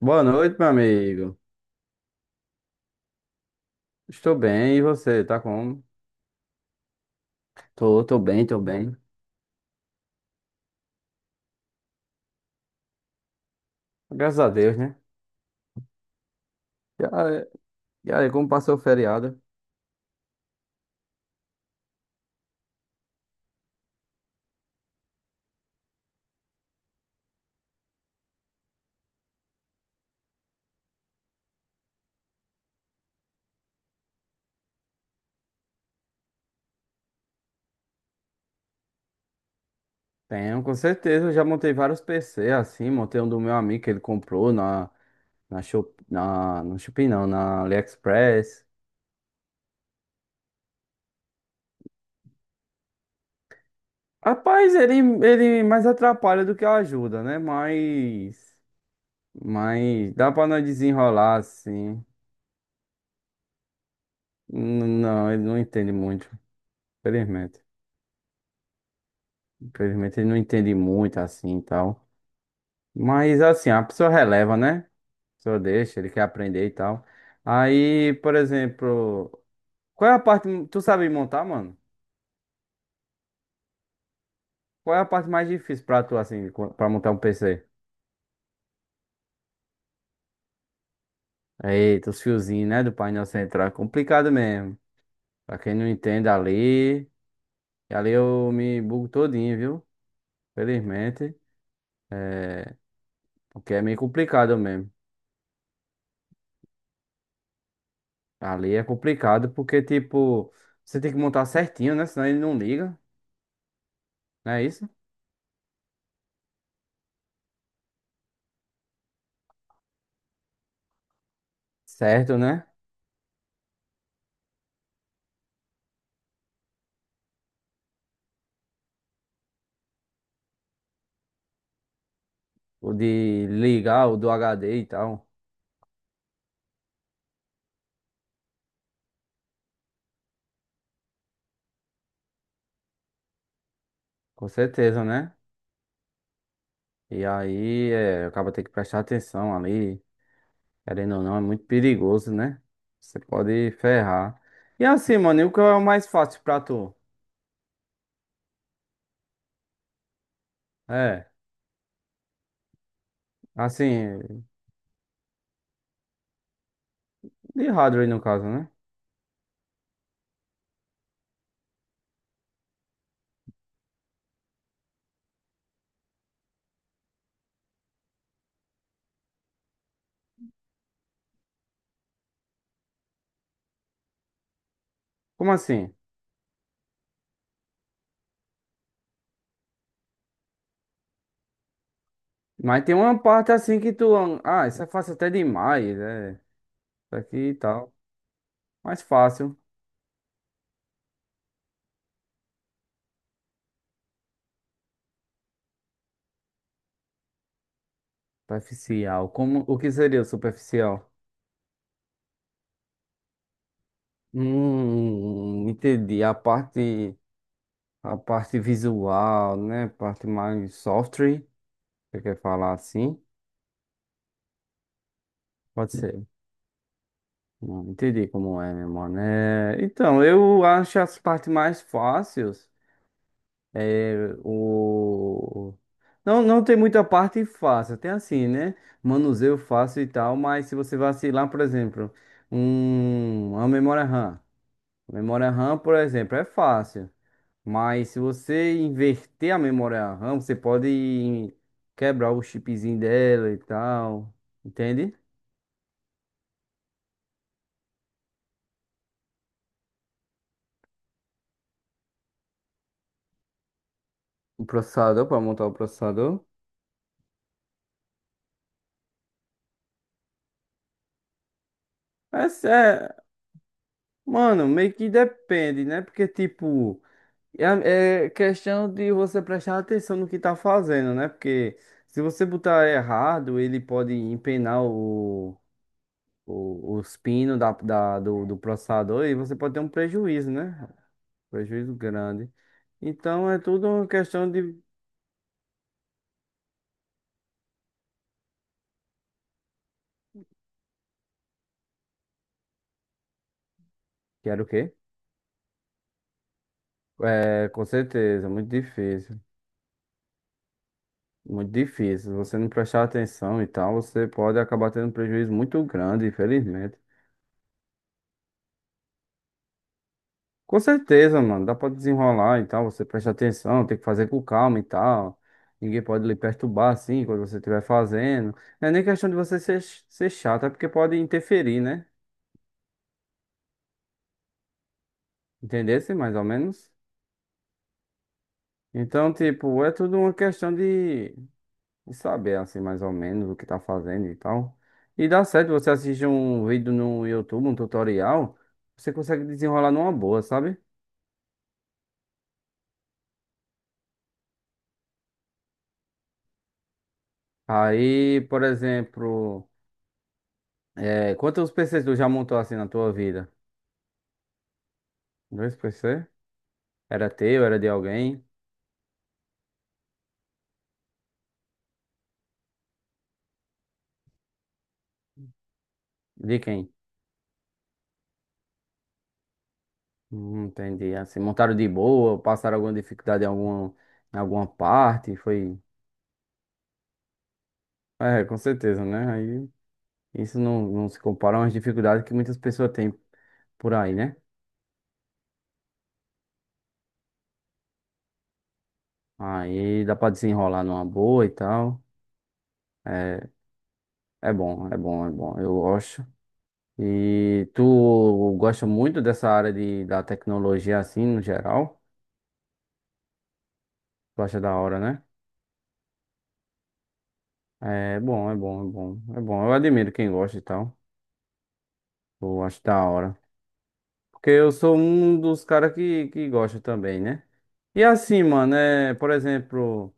Boa noite, meu amigo. Estou bem, e você? Tá como? Tô bem, tô bem. Graças a Deus, né? E aí, e aí, como passou o feriado? Tenho, com certeza. Eu já montei vários PC assim. Montei um do meu amigo que ele comprou Shop, no Shopee, não, na AliExpress. Rapaz, ele mais atrapalha do que ajuda, né? Mas dá pra nós desenrolar assim. Não, ele não entende muito, infelizmente. Infelizmente, ele não entende muito assim e tal. Mas assim, a pessoa releva, né? A pessoa deixa, ele quer aprender e tal. Aí, por exemplo, qual é a parte. Tu sabe montar, mano? Qual é a parte mais difícil pra tu, assim, pra montar um PC? Eita, os fiozinhos, né? Do painel central. É complicado mesmo. Pra quem não entende ali. E ali eu me bugo todinho, viu? Felizmente. Porque é meio complicado mesmo. Ali é complicado porque, tipo, você tem que montar certinho, né? Senão ele não liga. Não é isso? Certo, né? O de ligar o do HD e tal. Com certeza, né? E aí, acaba ter que prestar atenção ali. Querendo ou não, é muito perigoso, né? Você pode ferrar. E assim, mano, e o que é o mais fácil pra tu? É, assim, de hardware no caso, né? Como assim? Mas tem uma parte assim que tu. Ah, isso é fácil até demais, é. Isso aqui e tal. Mais fácil. Superficial. Como, o que seria o superficial? Entendi. A parte. A parte visual, né? Parte mais software, você quer falar assim? Pode ser. Não entendi como é, meu mano. É, então, eu acho as partes mais fáceis. É, o... Não, não tem muita parte fácil. Tem assim, né? Manuseio fácil e tal, mas se você vacilar, por exemplo, uma memória RAM. Memória RAM, por exemplo, é fácil. Mas se você inverter a memória RAM, você pode quebrar o chipzinho dela e tal. Entende? O processador, para montar o processador. Mas é, mano, meio que depende, né? Porque, tipo, é questão de você prestar atenção no que tá fazendo, né? Porque se você botar errado, ele pode empenar os pinos do processador e você pode ter um prejuízo, né? Prejuízo grande. Então é tudo uma questão de. Quero o quê? É, com certeza, muito difícil. Muito difícil. Se você não prestar atenção e tal, você pode acabar tendo um prejuízo muito grande, infelizmente. Com certeza, mano. Dá pra desenrolar e tal. Você presta atenção, tem que fazer com calma e tal. Ninguém pode lhe perturbar assim quando você estiver fazendo. Não é nem questão de você ser chato, é porque pode interferir, né? Entendesse mais ou menos? Então, tipo, é tudo uma questão de. E saber assim mais ou menos o que tá fazendo e tal. E dá certo, você assiste um vídeo no YouTube, um tutorial, você consegue desenrolar numa boa, sabe? Aí, por exemplo, quantos PCs tu já montou assim na tua vida? Dois PC? Era teu, era de alguém? De quem? Entendi. Assim, montaram de boa, passaram alguma dificuldade em alguma parte, foi... É, com certeza, né? Aí isso não, não se compara às dificuldades que muitas pessoas têm por aí, né? Aí dá pra desenrolar numa boa e tal. É, é bom. Eu gosto. E tu gosta muito dessa área de, da tecnologia assim, no geral? Tu acha da hora, né? É bom. Eu admiro quem gosta e tal. Eu acho da hora. Porque eu sou um dos caras que gosta também, né? E assim, mano, por exemplo,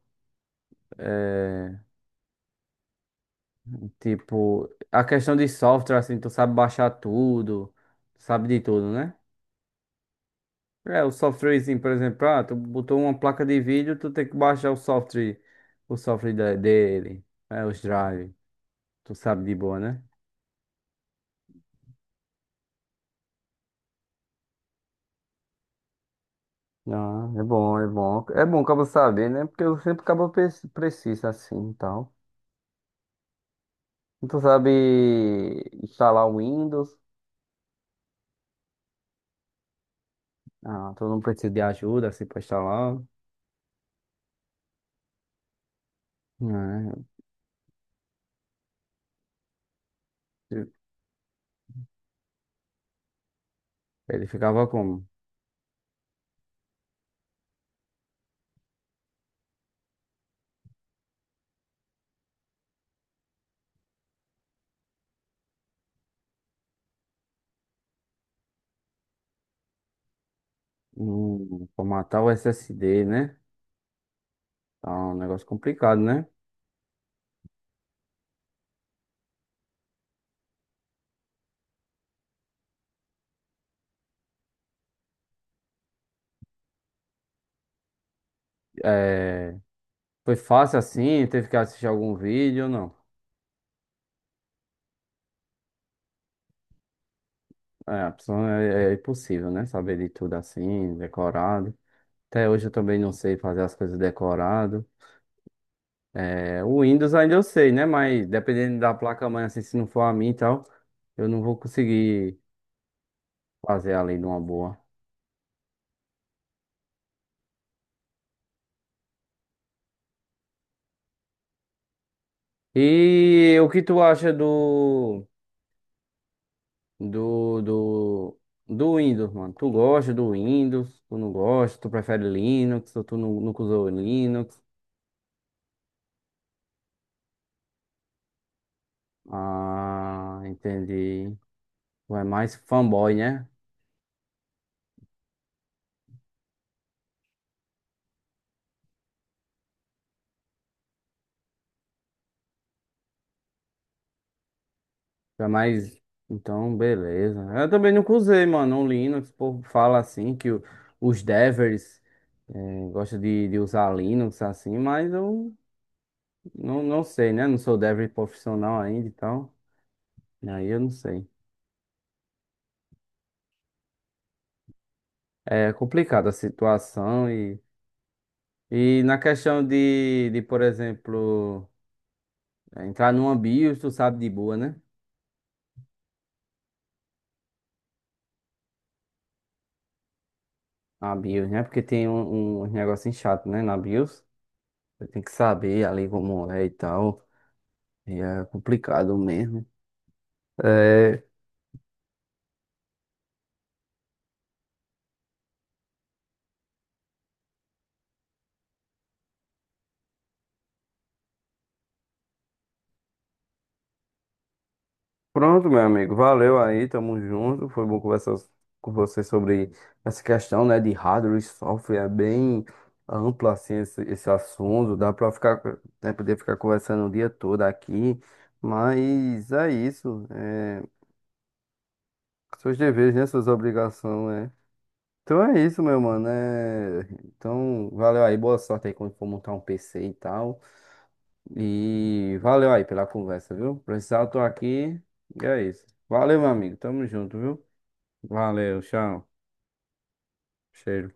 é, tipo, a questão de software, assim, tu sabe baixar tudo, sabe de tudo, né? É, o softwarezinho, por exemplo, ah, tu botou uma placa de vídeo, tu tem que baixar o software dele, é, os drive, tu sabe de boa, né? Ah, é bom. É bom acaba saber, né? Porque eu sempre acabo precisa assim e tal. E tu sabe instalar o Windows? Ah, tu não precisa de ajuda assim pra instalar, né? Ele ficava como? Formatar o SSD, né? Tá um negócio complicado, né? É, foi fácil assim? Teve que assistir algum vídeo ou não? É, a pessoa é, é impossível, né? Saber de tudo assim, decorado. Até hoje eu também não sei fazer as coisas decorado. É, o Windows ainda eu sei, né? Mas dependendo da placa-mãe, assim, se não for a minha e tal, eu não vou conseguir fazer além de uma boa. E o que tu acha do, do, do Windows, mano? Tu gosta do Windows? Tu não gosta? Tu prefere Linux? Ou tu nunca usou Linux? Ah, entendi. Tu é mais fanboy, né? Tu é mais. Então, beleza. Eu também nunca usei, mano, o Linux. O povo fala assim que os devers gostam de usar Linux assim, mas eu não, não sei, né? Não sou dev profissional ainda então aí eu não sei. É complicada a situação e na questão de, por exemplo, entrar numa BIOS, tu sabe de boa, né? A BIOS, né? Porque tem um, um negócio chato, né? Na BIOS. Você tem que saber ali como é e tal. E é complicado mesmo. É, pronto, meu amigo. Valeu aí, tamo junto. Foi bom conversar com você sobre essa questão, né, de hardware e software. É bem amplo assim esse, esse assunto. Dá pra ficar, né, poder ficar conversando o dia todo aqui. Mas é isso. É, seus deveres, né, suas obrigações, né? Então é isso, meu mano. É, então, valeu aí. Boa sorte aí quando for montar um PC e tal. E valeu aí pela conversa, viu? Precisar, eu tô aqui. E é isso. Valeu, meu amigo. Tamo junto, viu? Valeu, tchau. Cheiro.